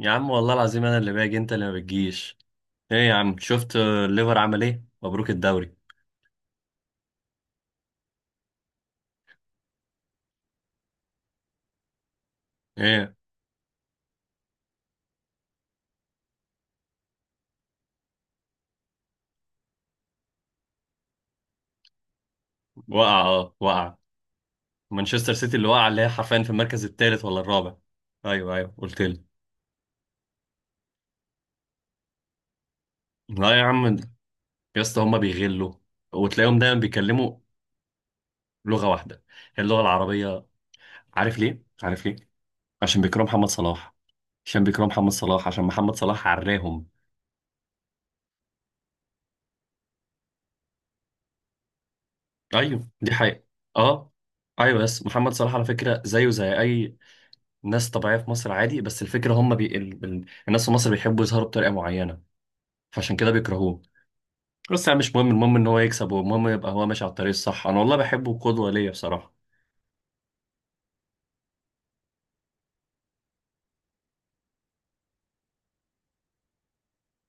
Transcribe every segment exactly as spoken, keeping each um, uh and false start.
يا عم والله العظيم انا اللي باجي انت اللي ما بتجيش. ايه يا عم شفت آه، الليفر عمل ايه؟ مبروك الدوري. ايه؟ وقع. اه وقع. مانشستر سيتي اللي وقع، اللي هي حرفيا في المركز الثالث ولا الرابع؟ ايوه ايوه قلت لي. لا يا عم. يا اسطى هما بيغلوا، وتلاقيهم دايما بيتكلموا لغه واحده، هي اللغه العربيه. عارف ليه؟ عارف ليه؟ عشان بيكرهوا محمد صلاح. عشان بيكرهوا محمد صلاح، عشان محمد صلاح عراهم. ايوه دي حقيقه. اه. ايوه بس محمد صلاح على فكره زيه زي اي ناس طبيعية في مصر، عادي. بس الفكرة هم بي... ال... ال... الناس في مصر بيحبوا يظهروا بطريقة معينة، فعشان كده بيكرهوه. بس يعني مش مهم، المهم ان هو يكسب، والمهم يبقى هو ماشي على الطريق الصح. انا والله بحبه، قدوة ليا بصراحة.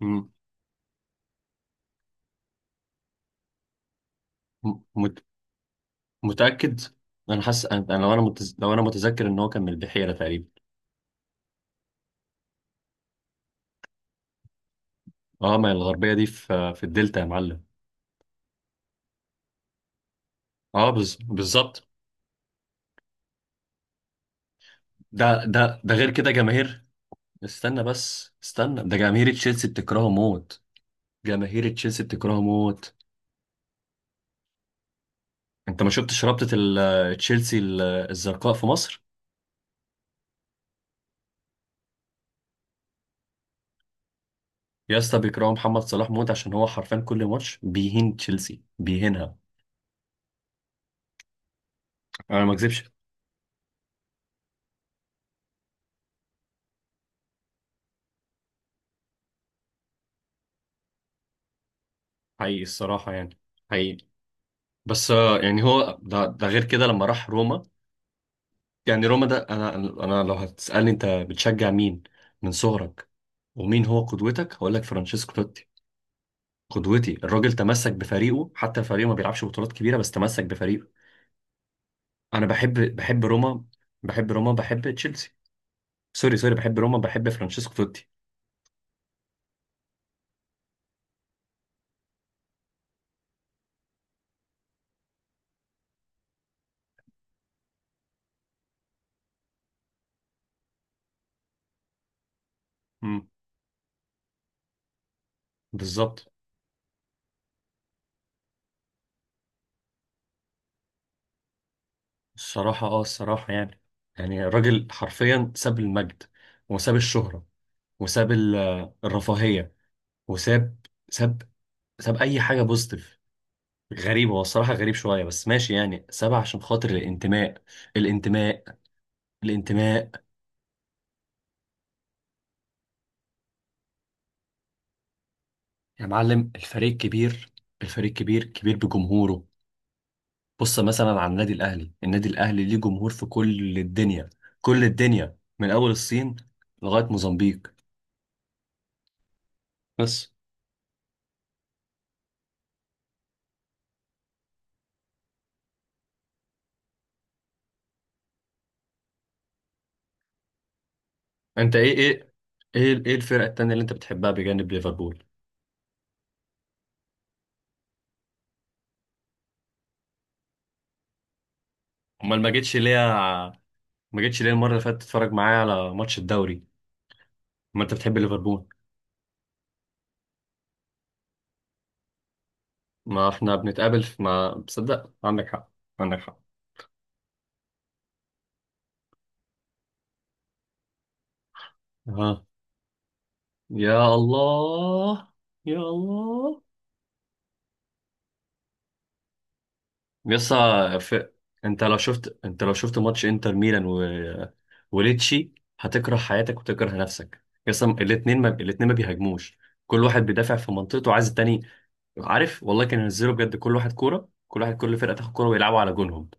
مم. م... مت... متأكد. انا حاسس، انا أنا لو انا متز... لو انا متذكر ان هو كان من البحيرة تقريبا. اه ما هي الغربية دي في في الدلتا يا معلم. اه بز... بالظبط. ده ده ده غير كده جماهير. استنى بس استنى، ده جماهير تشيلسي بتكرهه موت. جماهير تشيلسي بتكرهه موت. انت ما شفتش رابطة ال- تشيلسي ال- الزرقاء في مصر؟ يا اسطى بيكرهوا محمد صلاح موت عشان هو حرفيا كل ماتش بيهين تشيلسي، بيهينها. انا ما اكذبش. حقيقي الصراحة يعني، حقيقي. بس آه، يعني هو ده, ده غير كده لما راح روما. يعني روما ده، انا انا لو هتسألني انت بتشجع مين من صغرك، ومين هو قدوتك، هقول لك فرانشيسكو توتي. قدوتي الراجل تمسك بفريقه، حتى فريقه ما بيلعبش بطولات كبيرة بس تمسك بفريقه. انا بحب بحب روما، بحب روما بحب تشيلسي. سوري سوري، بحب روما بحب فرانشيسكو توتي. امم. بالظبط. الصراحة اه الصراحة يعني يعني الراجل حرفيا ساب المجد، وساب الشهرة، وساب ال- الرفاهية، وساب، ساب ساب أي حاجة بوزيتيف. غريب هو الصراحة، غريب شوية، بس ماشي يعني، ساب عشان خاطر الانتماء. الانتماء. الانتماء. يا معلم الفريق كبير. الفريق كبير، كبير بجمهوره. بص مثلا على النادي الاهلي. النادي الاهلي ليه جمهور في كل الدنيا، كل الدنيا من اول الصين لغايه موزمبيق بس. انت ايه؟ ايه ايه ايه الفرقه التانيه اللي انت بتحبها بجانب ليفربول؟ امال ما جيتش ليه؟ ما جيتش ليه المره اللي فاتت تتفرج معايا على ماتش الدوري؟ ما انت بتحب ليفربول. ما احنا بنتقابل في، ما بصدق. عندك حق، عندك حق. ها. يا الله. يا الله. يس. في... انت لو شفت، انت لو شفت ماتش انتر ميلان و... وليتشي هتكره حياتك وتكره نفسك. يس. الاثنين ما الاثنين ما بيهاجموش، كل واحد بيدافع في منطقته عايز التاني. عارف والله كان ينزلوا بجد كل واحد كوره، كل واحد كل فرقه تاخد كوره ويلعبوا على جونهم.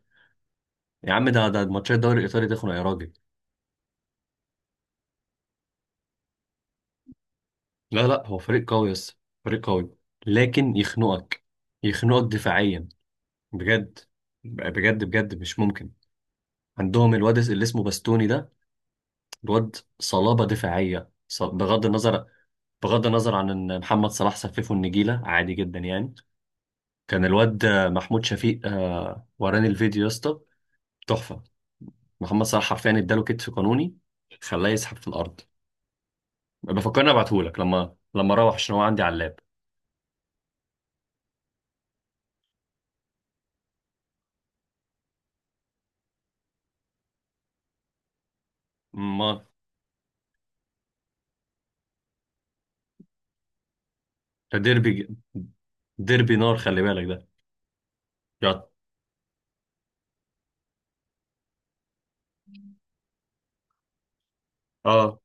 يا عم ده ده ماتشات الدوري الايطالي تخنق يا راجل. لا لا، هو فريق قوي. يس فريق قوي، لكن يخنقك. يخنقك دفاعيا. بجد. بجد بجد مش ممكن. عندهم الواد اللي اسمه باستوني ده، الواد صلابة دفاعية. ص- بغض النظر، بغض النظر عن ان محمد صلاح سففه النجيلة عادي جدا يعني. كان الواد آه، محمود شفيق آه، وراني الفيديو يا اسطى، تحفة. محمد صلاح حرفيا اداله كتف قانوني، خلاه يسحب في الارض. بفكرني ابعتهولك لما لما اروح، عشان هو عندي على اللاب. ما. ده ديربي. ديربي نار خلي بالك ده. يلا. اه.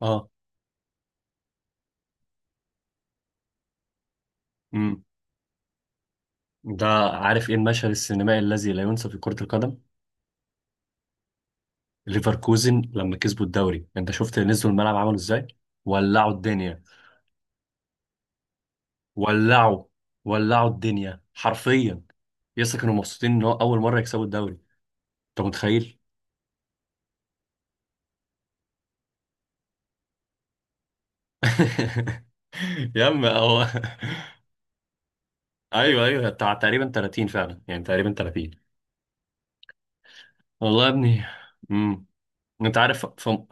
اه. امم ده عارف ايه المشهد السينمائي الذي لا ينسى في كرة القدم؟ ليفركوزن لما كسبوا الدوري، انت شفت نزلوا الملعب عملوا ازاي؟ ولعوا الدنيا. ولعوا. ولعوا الدنيا حرفيا. يسا كانوا مبسوطين ان هو اول مره يكسبوا الدوري، انت متخيل؟ يا عم هو. ايوه ايوه، بتاع تقريبا تلاتين فعلا، يعني تقريبا تلاتين. والله يا ابني. امم انت عارف، في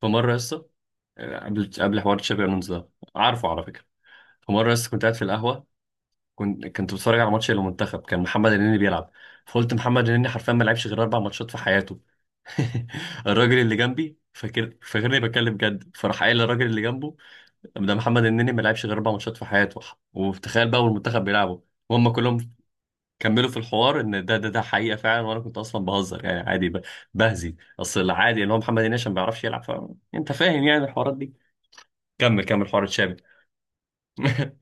في مره يسا، قبل قبل حوار تشابي الونزو ده. عارفه على فكره. في مره يسا كنت قاعد في القهوه، كنت كنت بتفرج على ماتش المنتخب، كان محمد النني بيلعب. فقلت محمد النني حرفيا ما لعبش غير اربع ماتشات في حياته. الراجل اللي جنبي فاكر فاكرني بتكلم جد، فراح قايل للراجل اللي جنبه ده محمد النني ما لعبش غير اربع ماتشات في حياته. وتخيل بقى والمنتخب بيلعبوا وهم كلهم كملوا في الحوار ان ده ده ده حقيقه فعلا، وانا كنت اصلا بهزر يعني عادي، ب- بهزي. اصل العادي ان هو محمد النني عشان ما بيعرفش يلعب. فانت فاهم يعني الحوارات دي. كمل كمل حوار تشابي.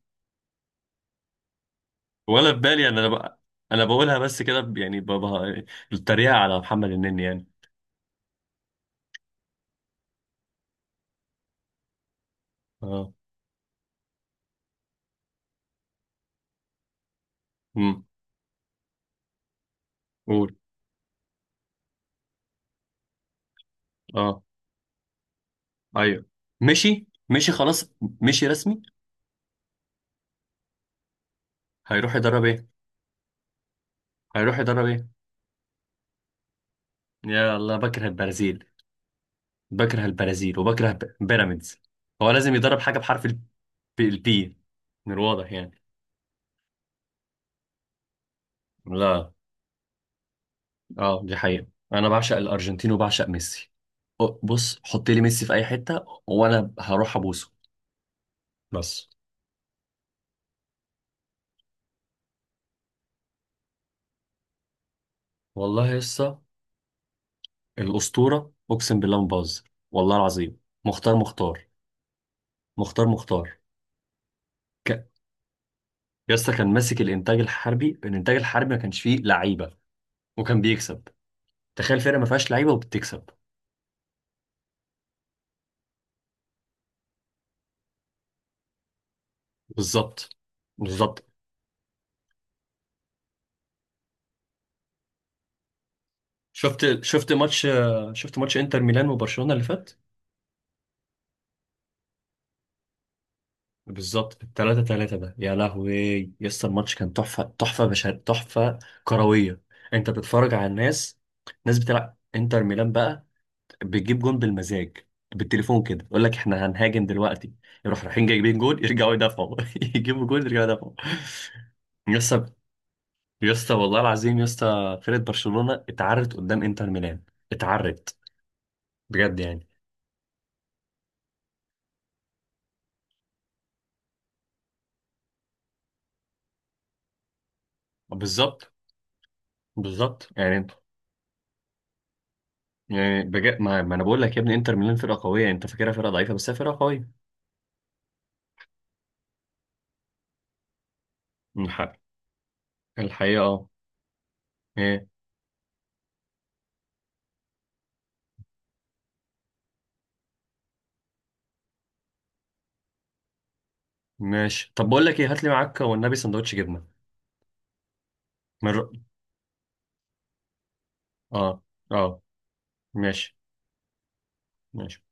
ولا في بالي، انا انا ب- أنا بقولها بس كده، ب- يعني بابا التريقة على محمد النني يعني. اه. امم قول. اه ايوه. مشي مشي خلاص. مشي رسمي. هيروح يدرب ايه؟ هيروح يدرب ايه؟ يا الله بكره البرازيل. بكره البرازيل، وبكره ب- بيراميدز. هو لازم يدرب حاجة بحرف ال- البي، من الواضح يعني. لا. اه دي حقيقة. انا بعشق الارجنتين وبعشق ميسي. أو- بص حط لي ميسي في اي حتة وانا هروح ابوسه. بس. والله يا اسطى الأسطورة، أقسم بالله ما بهزر. والله العظيم. مختار. مختار. مختار. مختار. ك... يا اسطى، كان ماسك الإنتاج الحربي. الإنتاج الحربي ما كانش فيه لعيبة، وكان بيكسب. تخيل فرقة ما فيهاش لعيبة وبتكسب. بالظبط. بالظبط. شفت شفت ماتش شفت ماتش إنتر ميلان وبرشلونة اللي فات. بالظبط تلاتة تلاتة ده، يا لهوي. يا اسطى الماتش كان تحفة. تحفة بشر، تحفة كروية. انت بتتفرج على الناس ناس بتلعب انتر ميلان بقى بتجيب جون بالمزاج، بالتليفون كده يقول لك احنا هنهاجم دلوقتي، يروح رايحين جايبين جون يرجعوا يدافعوا، يجيبوا جون يرجعوا يدافعوا. يا اسطى، يا اسطى والله العظيم يا اسطى فرقه برشلونه اتعرت قدام انتر ميلان. اتعرت بجد يعني. بالظبط، بالظبط يعني انت. يعني بجد ما, ما انا بقول لك يا ابني انتر ميلان فرقه قويه، انت فاكرها فرقه ضعيفه بس هي فرقه قويه. الحق- الحقيقه اه. ايه؟ ماشي، طب بقول لك ايه، هات لي معاك والنبي سندوتش جبنه. من الر- اه. اه. ماشي. ماشي.